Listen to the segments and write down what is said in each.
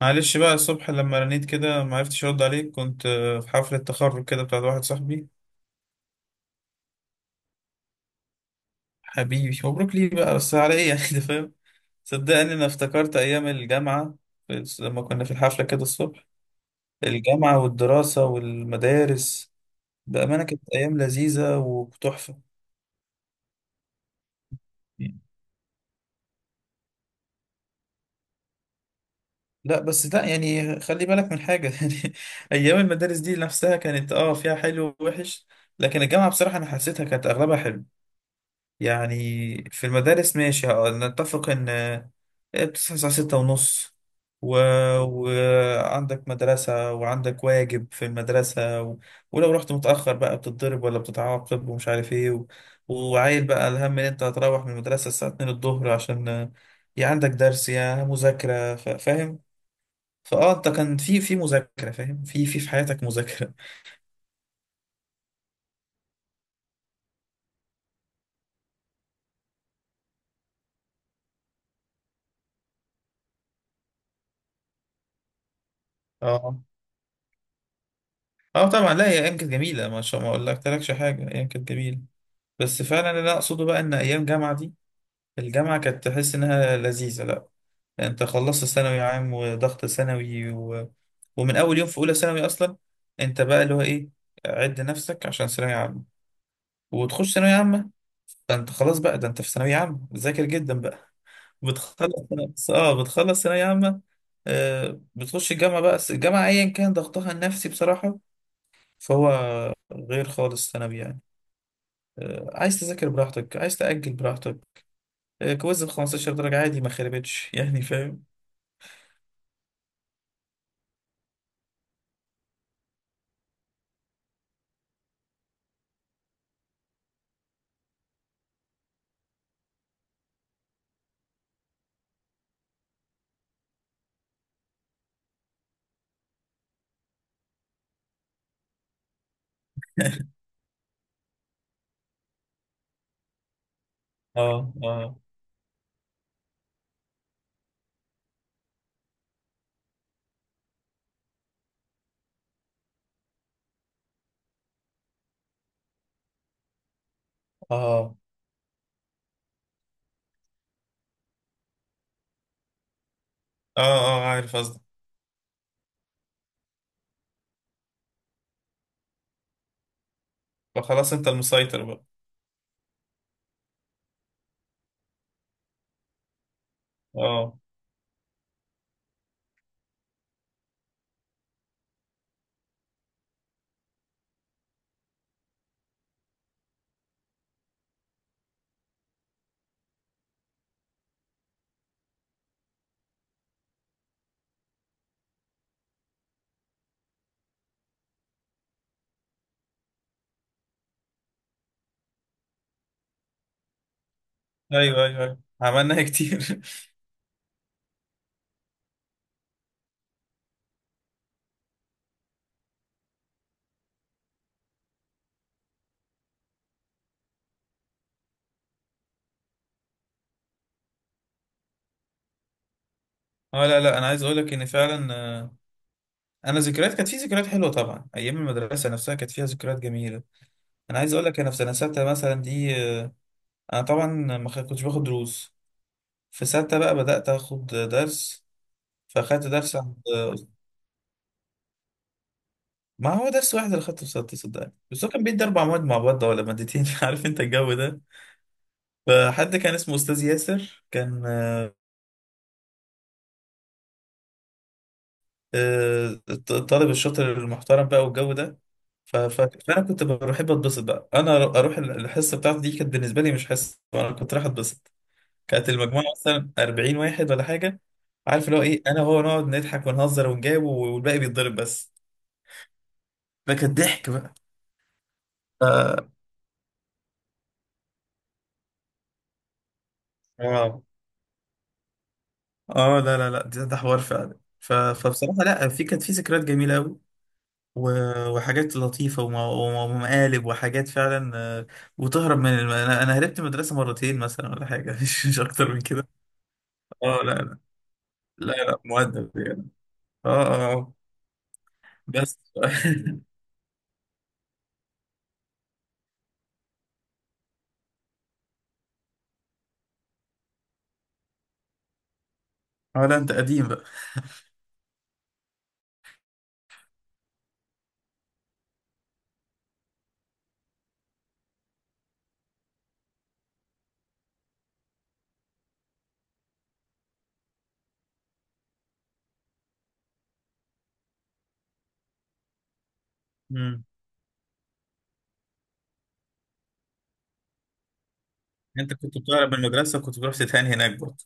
معلش بقى الصبح لما رنيت كده ما عرفتش ارد عليك كنت في حفلة تخرج كده بتاعت واحد صاحبي. حبيبي مبروك ليه بقى بس على ايه يعني ده فاهم. صدقني انا افتكرت ايام الجامعة بس لما كنا في الحفلة كده الصبح. الجامعة والدراسة والمدارس بأمانة كانت أيام لذيذة وتحفة. لا بس لا يعني خلي بالك من حاجة يعني أيام المدارس دي نفسها كانت اه فيها حلو ووحش، لكن الجامعة بصراحة أنا حسيتها كانت أغلبها حلو يعني. في المدارس ماشي اه، نتفق ان بتصحى الساعة 6:30 و... وعندك مدرسة وعندك واجب في المدرسة ولو رحت متأخر بقى بتتضرب ولا بتتعاقب ومش عارف ايه وعايل بقى الهم ان انت هتروح من المدرسة الساعة 2 الظهر عشان يا عندك درس يا مذاكرة فاهم. فاه انت كان في في مذاكرة فاهم في في حياتك مذاكرة. اه، اه طبعا، لا هي ايام كانت جميلة ما شاء ما اقول لك تلكش حاجة، ايام كانت جميلة. بس فعلا اللي أنا أقصده بقى إن أيام جامعة دي، الجامعة كانت تحس إنها لذيذة. لأ أنت خلصت ثانوي عام وضغط ثانوي ومن أول يوم في أولى ثانوي أصلا أنت بقى اللي هو إيه، عد نفسك عشان ثانوية عامة وتخش ثانوية عامة. فأنت خلاص بقى ده أنت في ثانوية عامة، ذاكر جدا بقى. بتخلص آه بتخلص ثانوية عامة، آه بتخش الجامعة بقى. بس الجامعة أيا كان ضغطها النفسي بصراحة فهو غير خالص ثانوي يعني. آه، عايز تذاكر براحتك، عايز تأجل براحتك، آه، كويز ب 15 درجة عادي ما خربتش يعني فاهم. اه اه اه اه اه عارف قصدك. فخلاص انت المسيطر بقى. اه ايوه ايوه ايوه عملناها كتير. اه لا لا انا عايز اقول لك ان فعلا انا ذكريات كانت في ذكريات حلوه طبعا، ايام المدرسه نفسها كانت فيها ذكريات جميله. انا عايز اقول لك انا في سنه سته مثلا دي انا طبعا ما خ- كنتش باخد دروس. في سته بقى بدات اخد درس، فاخدت درس عند آه. ما هو درس واحد اللي خدته في سته صدقني، بس هو كان بيدي 4 مواد مع بعض ولا 2 مواد عارف انت الجو ده. فحد كان اسمه أستاذ ياسر كان آه، الطالب الشاطر المحترم بقى والجو ده. ف- ف- فأنا كنت بحب أتبسط بقى، أنا أروح الحصة بتاعتي دي كانت بالنسبة لي مش حصة، أنا كنت رايح أتبسط. كانت المجموعة مثلا 40 واحد ولا حاجة، عارف اللي هو إيه، أنا وهو نقعد نضحك ونهزر ونجاوب والباقي بيتضرب بس. فكان ضحك بقى. آه. آه. آه، لا لا لا ده ده حوار فعلا. فبصراحة لا في كانت في ذكريات جميلة أوي وحاجات لطيفة ومقالب وحاجات فعلا آه، وتهرب من أنا أنا هربت من المدرسة مرتين مثلا ولا حاجة مش مش أكتر من كده. أه لا لا، لا لا مؤدب يعني. أه أه آه. بس أه لا أنت قديم بقى. مم. أنت كنت بتهرب من المدرسة وكنت بتروح تتهان هناك برضه.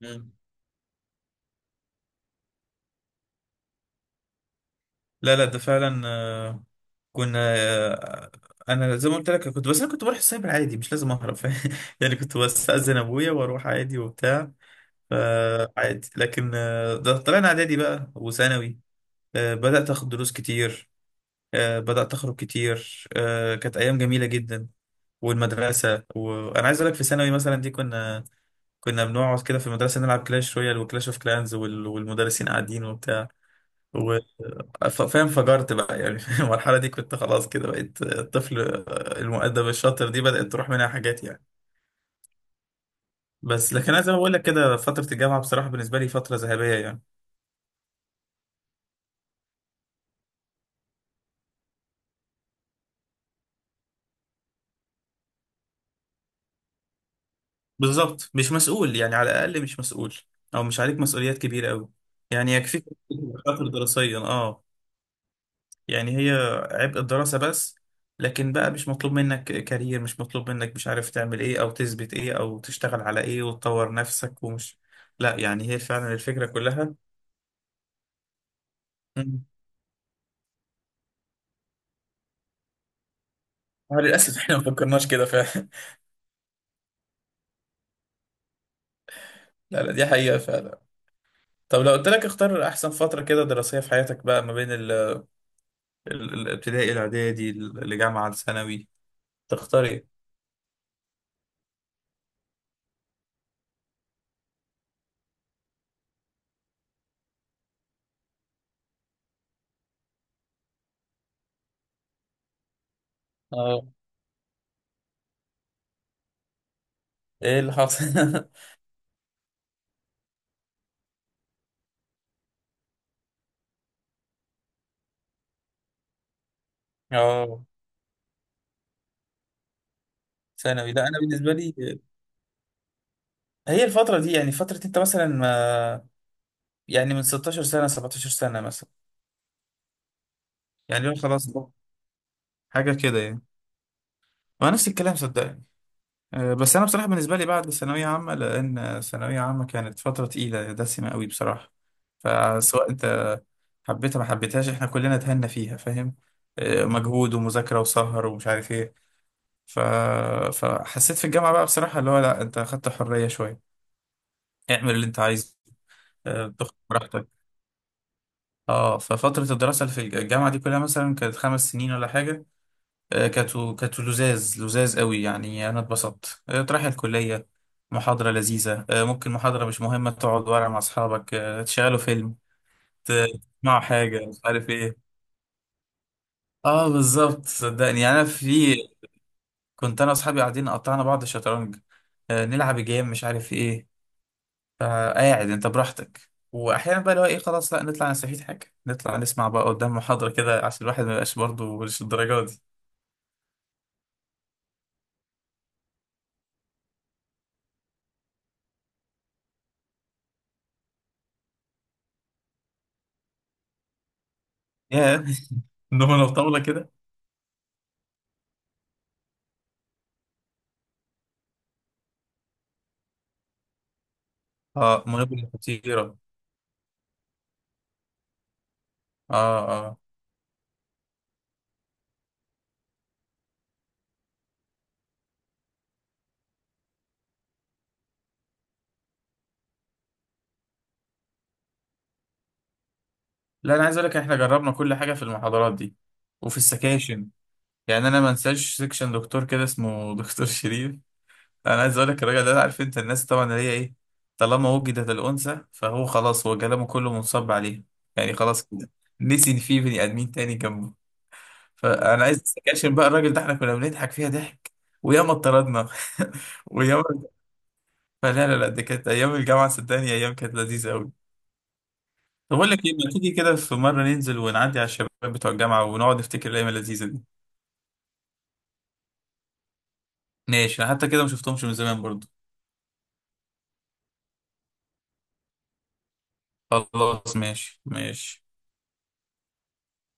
مم. لا لا ده فعلا آه، كنا آه، انا زي ما قلت لك كنت، بس انا كنت بروح السايبر عادي مش لازم اهرب يعني، كنت بستأذن ابويا واروح عادي وبتاع. فعادي لكن آه، ده طلعنا اعدادي بقى وثانوي، آه، بدأت اخد دروس كتير، آه، بدأت اخرج كتير، آه، كانت ايام جميلة جدا. والمدرسة، وانا عايز اقول لك في ثانوي مثلا دي كنا، كنا بنقعد كده في المدرسة نلعب كلاش رويال وكلاش اوف كلانز والمدرسين قاعدين وبتاع و- فاهم، فجرت بقى يعني في المرحلة دي كنت خلاص كده بقيت آه، الطفل آه، المؤدب الشاطر دي بدأت تروح منها حاجات يعني. بس لكن انا زي ما بقول لك كده فترة الجامعة بصراحة بالنسبة لي فترة ذهبية يعني. بالظبط، مش مسؤول يعني، على الاقل مش مسؤول او مش عليك مسؤوليات كبيره قوي. يعني يكفيك خاطر دراسيا اه، يعني هي عبء الدراسه بس. لكن بقى مش مطلوب منك كارير، مش مطلوب منك مش عارف تعمل ايه او تثبت ايه او تشتغل على ايه وتطور نفسك ومش. لا يعني هي فعلا الفكره كلها. مم. آه للاسف احنا ما فكرناش كده فعلا. لا لا دي حقيقه فعلا. طب لو قلت لك اختار احسن فتره كده دراسيه في حياتك بقى ما بين الابتدائي الاعدادي الجامعه الثانوي، تختار ايه؟ اه ايه اللي حصل؟ اه ثانوي، لا انا بالنسبه لي هي الفتره دي يعني، فتره انت مثلا ما يعني من 16 سنه 17 سنه مثلا، يعني لو خلاص بقى حاجه كده يعني، وانا نفس الكلام صدقني. آه، بس انا بصراحه بالنسبه لي بعد ثانويه عامه، لان ثانويه عامه كانت فتره تقيله دسمه قوي بصراحه، فسواء انت حبيتها ما حبيتهاش احنا كلنا اتهنا فيها فاهم. آه، مجهود ومذاكره وسهر ومش عارف ايه ف... فحسيت في الجامعه بقى بصراحه اللي هو لا انت اخدت حريه شويه، اعمل اللي انت عايزه، آه، تاخد براحتك. اه ففترة الدراسة اللي في الجامعة دي كلها مثلا كانت 5 سنين ولا حاجة، آه، كانت كانت لزاز لزاز قوي يعني. أنا اتبسطت آه، تروح الكلية محاضرة لذيذة، آه، ممكن محاضرة مش مهمة تقعد ورا مع أصحابك آه، تشغلوا فيلم، ت- تسمعوا حاجة مش عارف إيه. اه بالظبط صدقني يعني. أنا في كنت أنا وأصحابي قاعدين قطعنا بعض الشطرنج، آه، نلعب جيم مش عارف إيه. فقاعد انت براحتك، واحيانا بقى اللي هو ايه خلاص لا نطلع نستفيد حاجه، نطلع نسمع بقى قدام محاضره كده عشان الواحد ما يبقاش برضه مش الدرجه دي. يا انما لو طاوله كده اه منبه خطيره. اه اه لا انا عايز اقول لك احنا جربنا كل حاجه في المحاضرات دي وفي السكاشن. يعني انا ما انساش سكشن دكتور كده اسمه دكتور شريف. انا عايز اقول لك الراجل ده عارف انت الناس طبعا اللي هي ايه، طالما وجدت الانثى فهو خلاص هو كلامه كله منصب عليه، يعني خلاص كده نسي ان في بني ادمين تاني جنبه. فانا عايز السكاشن بقى الراجل ده احنا كنا بنضحك فيها ضحك وياما اتطردنا. وياما. فلا لا لا دي كانت ايام الجامعه صدقني، ايام كانت لذيذه قوي. طب اقول لك ايه، ما تيجي كده في مره ننزل ونعدي على الشباب بتوع الجامعه ونقعد نفتكر الايام اللذيذه دي. ماشي أنا حتى كده ما شفتهمش من زمان برضو. خلاص ماشي ماشي.